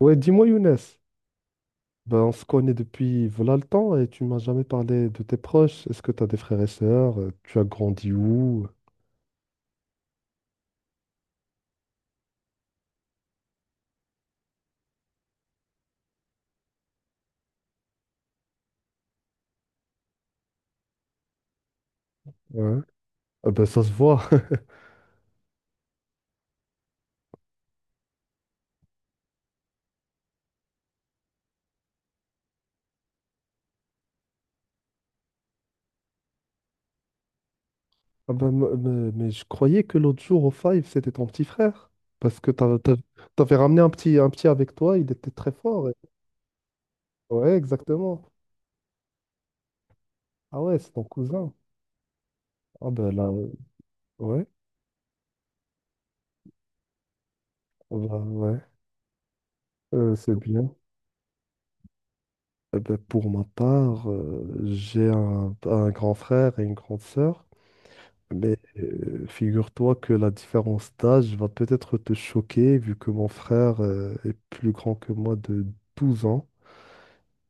Ouais, dis-moi Younes, on se connaît depuis voilà le temps et tu m'as jamais parlé de tes proches. Est-ce que tu as des frères et sœurs? Tu as grandi où? Ouais. Ah ben, ça se voit. Ah ben, mais, je croyais que l'autre jour au Five, c'était ton petit frère. Parce que t'as- t'avais ramené un petit avec toi, il était très fort. Et- ouais, exactement. Ah ouais, c'est ton cousin. Ah ben là, ouais. Ah ben, ouais. C'est bien. Eh ben, pour ma part, j'ai un grand frère et une grande sœur. Mais figure-toi que la différence d'âge va peut-être te choquer, vu que mon frère est plus grand que moi de 12 ans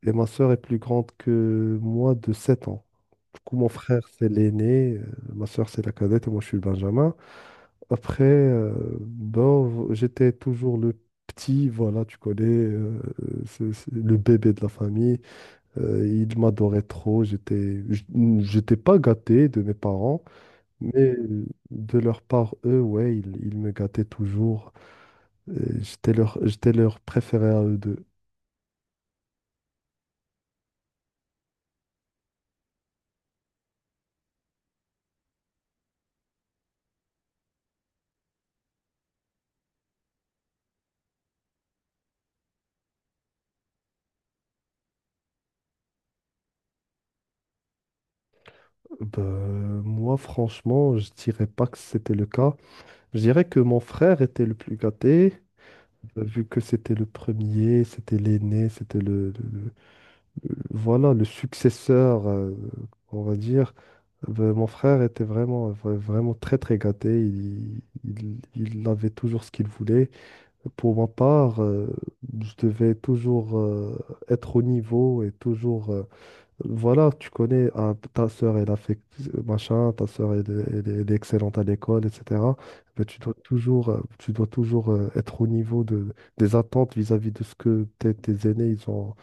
et ma sœur est plus grande que moi de 7 ans. Du coup, mon frère, c'est l'aîné, ma sœur, c'est la cadette et moi, je suis le benjamin. Après, ben, j'étais toujours le petit, voilà, tu connais, c'est le bébé de la famille. Il m'adorait trop, j'étais pas gâté de mes parents. Mais de leur part, eux, ouais, ils me gâtaient toujours. Euh, j'étais leur préféré à eux deux. Ben, moi, franchement, je dirais pas que c'était le cas. Je dirais que mon frère était le plus gâté, vu que c'était le premier, c'était l'aîné, c'était voilà, le successeur, on va dire. Ben, mon frère était vraiment, vraiment très, très gâté. Il avait toujours ce qu'il voulait. Pour ma part, je devais toujours être au niveau et toujours... voilà, tu connais, ah, ta sœur, elle a fait machin, ta sœur, elle est excellente à l'école, etc. Ben, tu dois toujours être au niveau de, des attentes vis-à-vis de ce que tes aînés, ils ont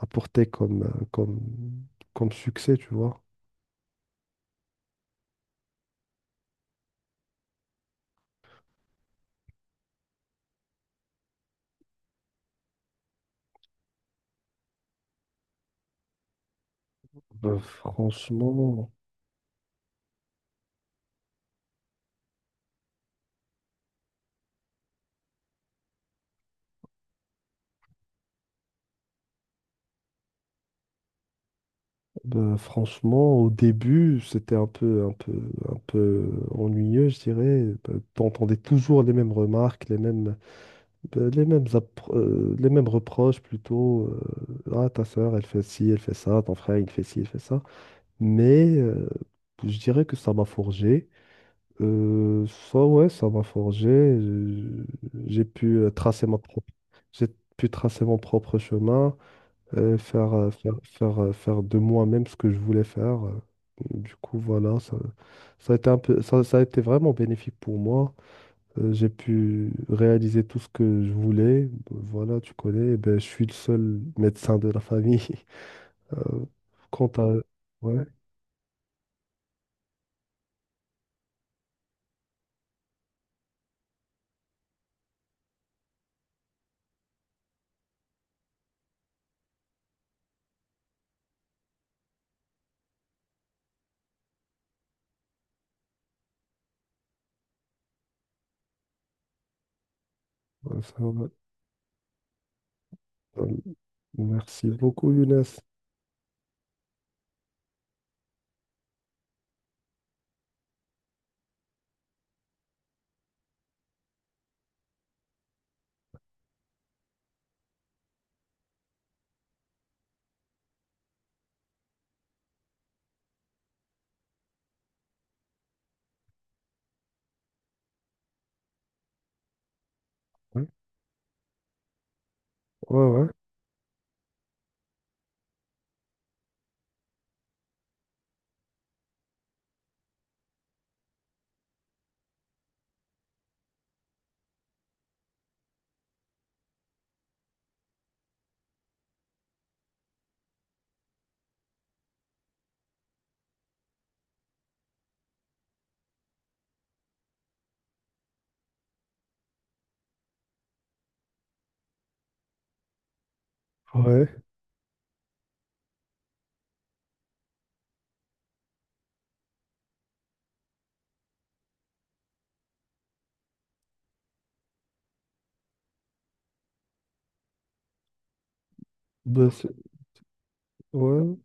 apporté comme succès, tu vois. Ben, franchement... Ben, franchement, au début, c'était un peu ennuyeux, je dirais. Ben, t'entendais toujours les mêmes remarques, les mêmes, les mêmes reproches plutôt. Ah, ta sœur, elle fait ci, elle fait ça. Ton frère, il fait ci, il fait ça. Mais je dirais que ça m'a forgé. Euh, ça, ouais, ça m'a forgé. J'ai pu euh, tracer ma propre, j'ai pu tracer mon propre chemin faire de moi-même ce que je voulais faire. Du coup, voilà, ça a été vraiment bénéfique pour moi. J'ai pu réaliser tout ce que je voulais. Voilà, tu connais, eh ben, je suis le seul médecin de la famille. Euh, quant à... Ouais, ouais, ça va. Euh, merci beaucoup, Younes. Ouais, ouais, ouais. Ouais. Ben, c'est- ouais.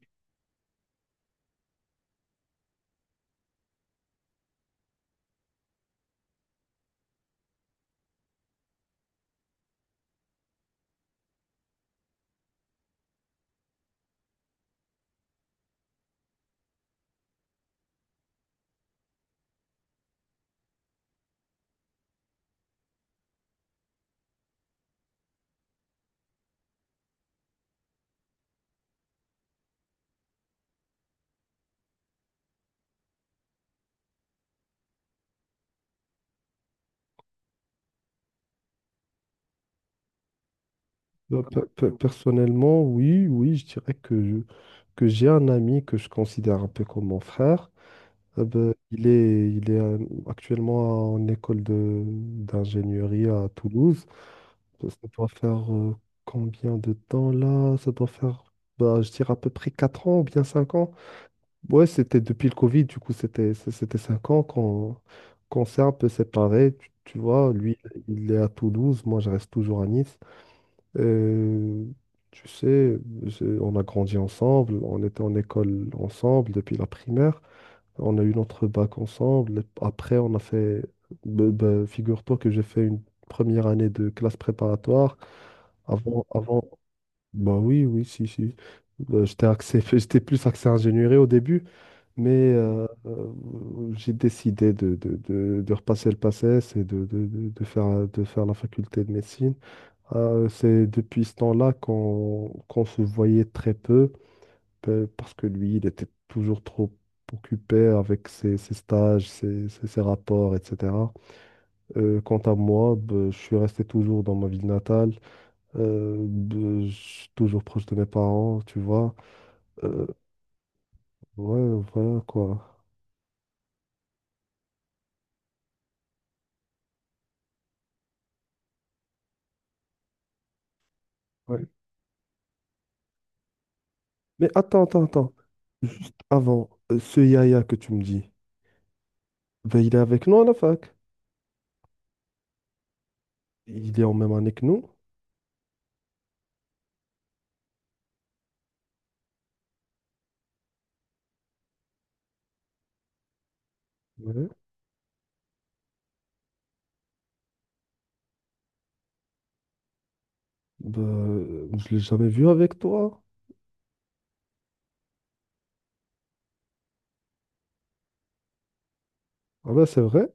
Bah, personnellement, oui, oui, je dirais que, je- que j'ai un ami que je considère un peu comme mon frère. Bah, il est actuellement en école d'ingénierie à Toulouse. Ça doit faire combien de temps là? Ça doit faire, bah, je dirais à peu près 4 ans ou bien 5 ans. Ouais, c'était depuis le Covid, du coup, c'était 5 ans qu'on s'est un peu séparés. Tu vois, lui, il est à Toulouse, moi, je reste toujours à Nice. Euh, tu sais, on a grandi ensemble, on était en école ensemble depuis la primaire, on a eu notre bac ensemble. Après, on a fait, ben, figure-toi que j'ai fait une première année de classe préparatoire. Avant, bah oui, oui, si, si. J'étais axé, j'étais plus axé ingénierie au début, mais j'ai décidé de repasser le PACES et de faire la faculté de médecine. C'est depuis ce temps-là qu'on se voyait très peu, pe- parce que lui, il était toujours trop occupé avec ses stages, ses rapports, etc. Quant à moi, ben, je suis resté toujours dans ma ville natale, ben, je suis toujours proche de mes parents, tu vois. Euh, ouais, voilà quoi. Ouais. Mais attends, attends, attends. Juste avant, ce Yaya que tu me dis, ben, il est avec nous à la fac. Il est en même année que nous. Ouais. Bah, je l'ai jamais vu avec toi. Ah ben c'est vrai.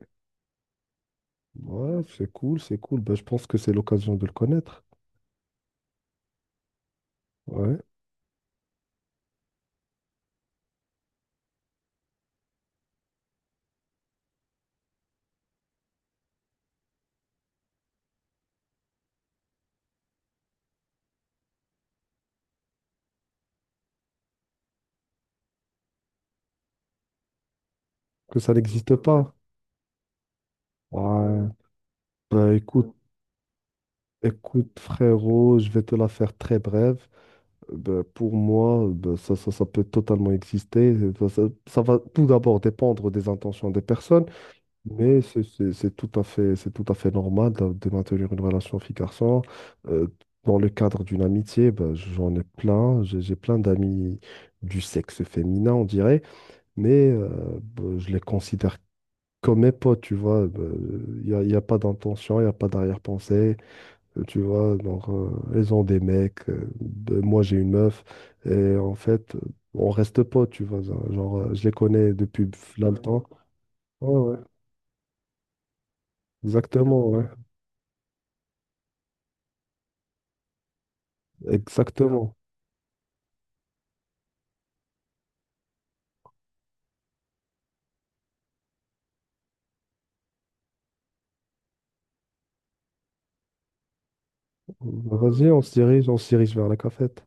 Ouais, c'est cool, c'est cool. Bah, je pense que c'est l'occasion de le connaître. Ouais. Que ça n'existe pas. Ouais. Bah écoute, écoute frérot, je vais te la faire très brève. Bah, pour moi, bah, ça peut totalement exister. Ça va tout d'abord dépendre des intentions des personnes. Mais c'est tout à fait, c'est tout à fait normal de maintenir une relation fille-garçon. Euh, dans le cadre d'une amitié, ben, j'en ai plein. J'ai plein d'amis du sexe féminin, on dirait, mais ben, je les considère comme mes potes, tu vois. Bah, y a pas d'intention, il n'y a pas d'arrière-pensée. Tu vois, donc, elles ont des mecs, ben, moi j'ai une meuf, et en fait, on reste potes, tu vois. Genre, je les connais depuis là le ouais. Temps. Ouais, ouais, exactement, ouais. Exactement. Bah, vas-y, on se dirige vers la cafette.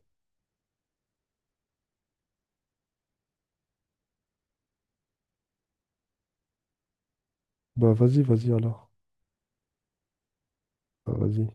Bah vas-y, vas-y alors. Bah, vas-y.